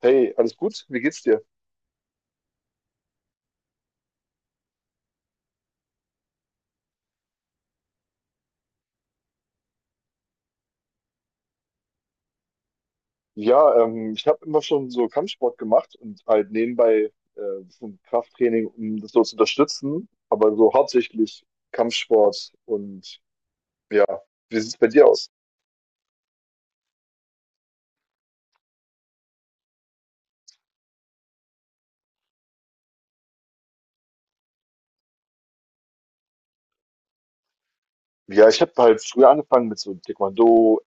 Hey, alles gut? Wie geht's dir? Ja, ich habe immer schon so Kampfsport gemacht und halt nebenbei bisschen Krafttraining, um das so zu unterstützen, aber so hauptsächlich Kampfsport und ja, wie sieht's bei dir aus? Ja, ich habe halt früher angefangen mit so Taekwondo,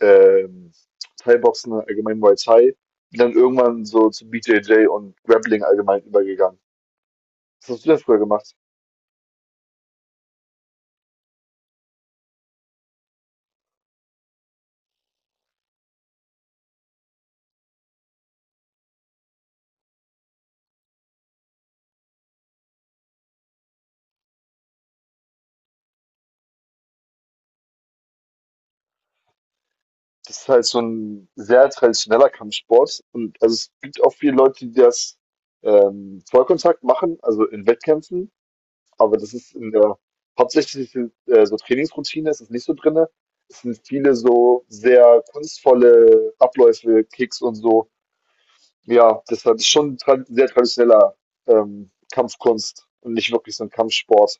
ähm, Thai-Boxen, allgemein Muay Thai, bin dann irgendwann so zu BJJ und Grappling allgemein übergegangen. Was hast du denn früher gemacht? Das ist halt so ein sehr traditioneller Kampfsport, und also, es gibt auch viele Leute, die das Vollkontakt machen, also in Wettkämpfen, aber das ist in der hauptsächlichen, so Trainingsroutine ist es nicht so drinne. Es sind viele so sehr kunstvolle Abläufe, Kicks und so. Ja, deshalb ist schon trad sehr traditioneller, Kampfkunst und nicht wirklich so ein Kampfsport.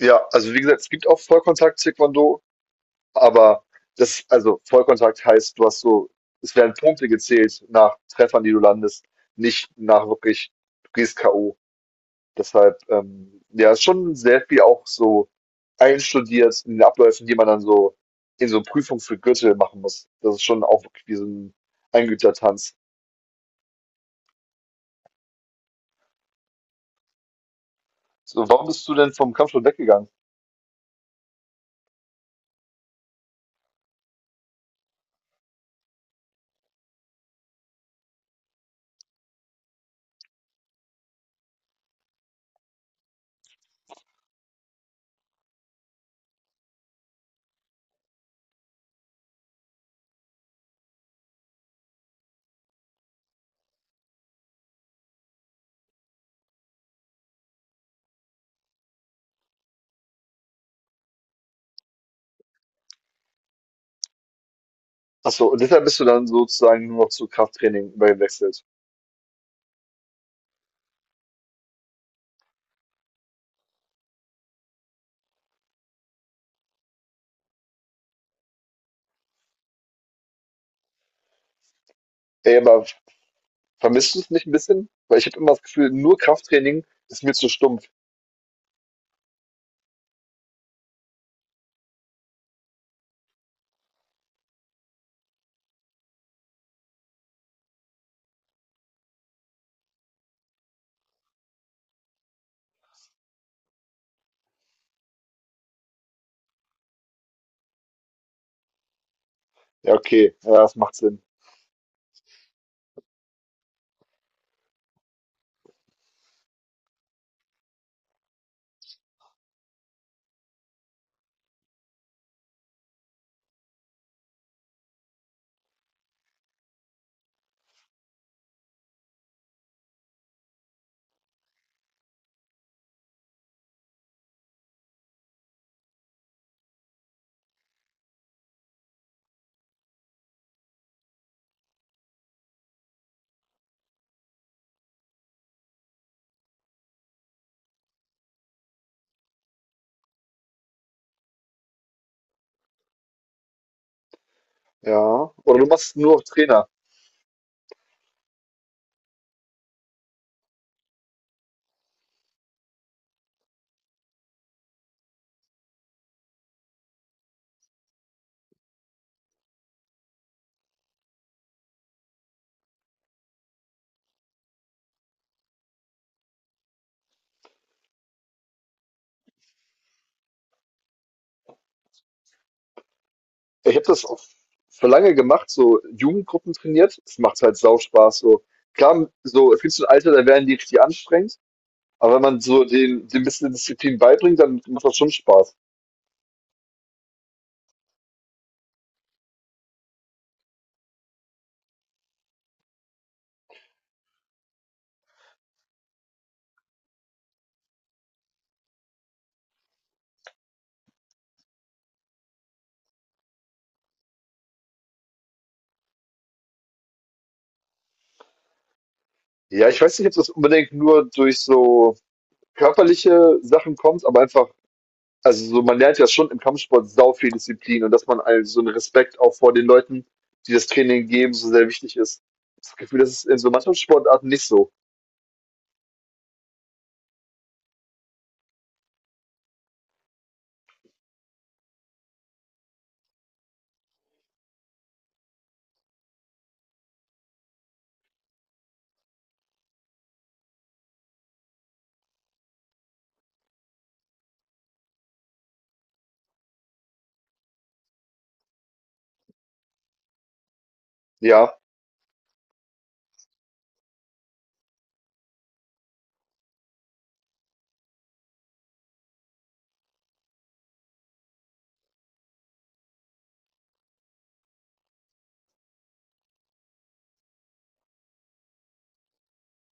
Ja, also wie gesagt, es gibt auch Vollkontakt-Taekwondo. Aber das, also Vollkontakt heißt, du hast so, es werden Punkte gezählt nach Treffern, die du landest, nicht nach wirklich, du gehst K.O. Deshalb, ja, ist schon sehr viel auch so einstudiert in den Abläufen, die man dann so in so Prüfungen für Gürtel machen muss. Das ist schon auch wirklich wie so ein Eingeübter-Tanz. So, warum bist du denn vom Kampfsport weggegangen? Ach so, und deshalb bist du dann sozusagen nur noch zu Krafttraining übergewechselt. Ey, aber vermisst du es nicht ein bisschen? Weil ich habe immer das Gefühl, nur Krafttraining ist mir zu stumpf. Ja, okay. Ja, das macht Sinn. Ja. Oder du machst es nur auf Trainer. Ich habe das auf, für lange gemacht, so Jugendgruppen trainiert. Das macht halt sau Spaß. So. Klar, so fühlst du ein Alter, da werden die richtig anstrengend. Aber wenn man so den bisschen Disziplin beibringt, dann macht das schon Spaß. Ja, ich weiß nicht, ob das unbedingt nur durch so körperliche Sachen kommt, aber einfach, also so, man lernt ja schon im Kampfsport sau viel Disziplin, und dass man also so einen Respekt auch vor den Leuten, die das Training geben, so sehr wichtig ist. Das Gefühl, das ist in so Mannschaftssportarten nicht so. Ja,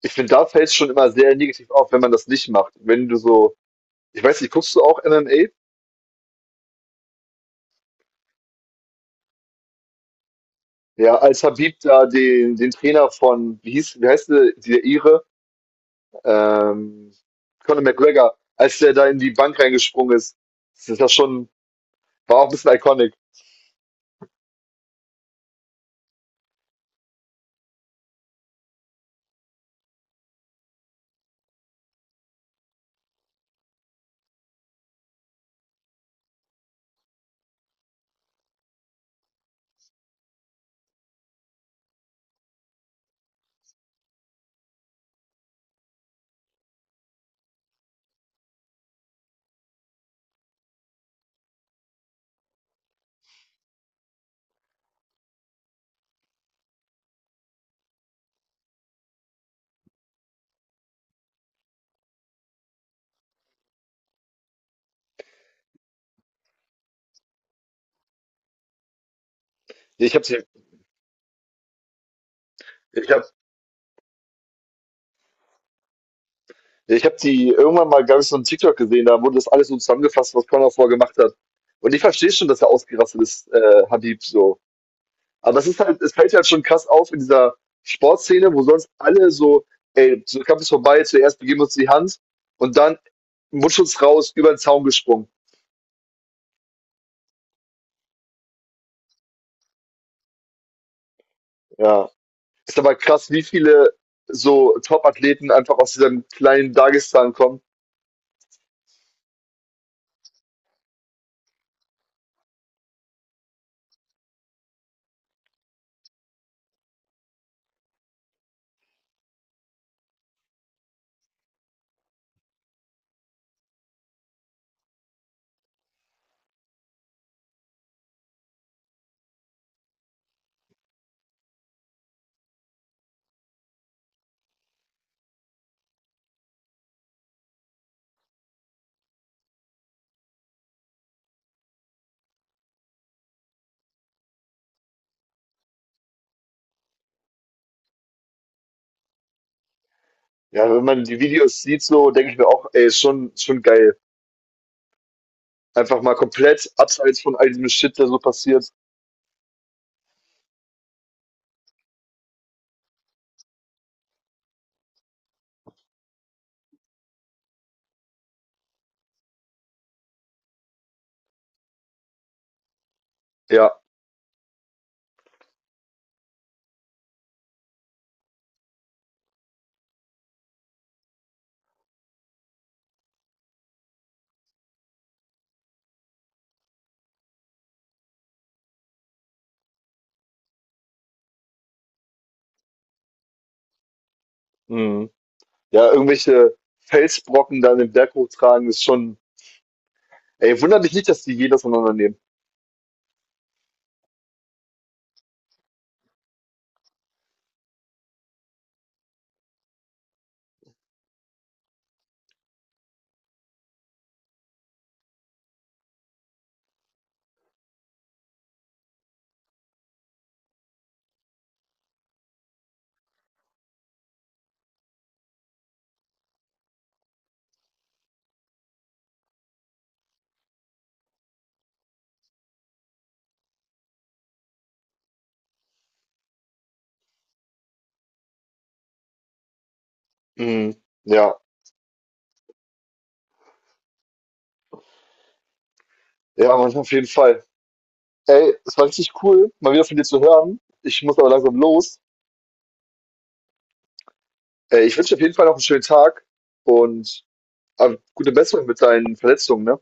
ich finde, da fällt es schon immer sehr negativ auf, wenn man das nicht macht. Wenn du so, ich weiß nicht, guckst du auch MMA? Ja, als Habib da den Trainer von, wie heißt der, der Ire? Ähm, Conor McGregor, als der da in die Bank reingesprungen ist das schon, war auch ein bisschen iconic. Ja, Ich habe die, ich hab, ja, ich hab die irgendwann mal, glaube ich, so einen TikTok gesehen, da wurde das alles so zusammengefasst, was Conor vorher gemacht hat. Und ich verstehe schon, dass er ausgerastet ist, Habib, so. Aber das ist halt, es fällt halt schon krass auf in dieser Sportszene, wo sonst alle so, ey, so Kampf ist vorbei, zuerst begeben wir uns die Hand und dann Mundschutz raus, über den Zaun gesprungen. Ja, ist aber krass, wie viele so Top-Athleten einfach aus diesem kleinen Dagestan kommen. Ja, wenn man die Videos sieht, so denke ich mir auch, ey, ist schon, schon geil. Einfach mal komplett abseits von all diesem Shit, der so passiert. Ja, mhm, ja, irgendwelche Felsbrocken da in den Berg hochtragen, ist schon, ey, wundert mich nicht, dass die jedes auseinandernehmen. Mhm. Ja, ja, Mann, auf jeden Fall. Ey, es war richtig cool, mal wieder von dir zu hören. Ich muss aber langsam los. Ich wünsche dir auf jeden Fall noch einen schönen Tag und gute Besserung mit deinen Verletzungen, ne?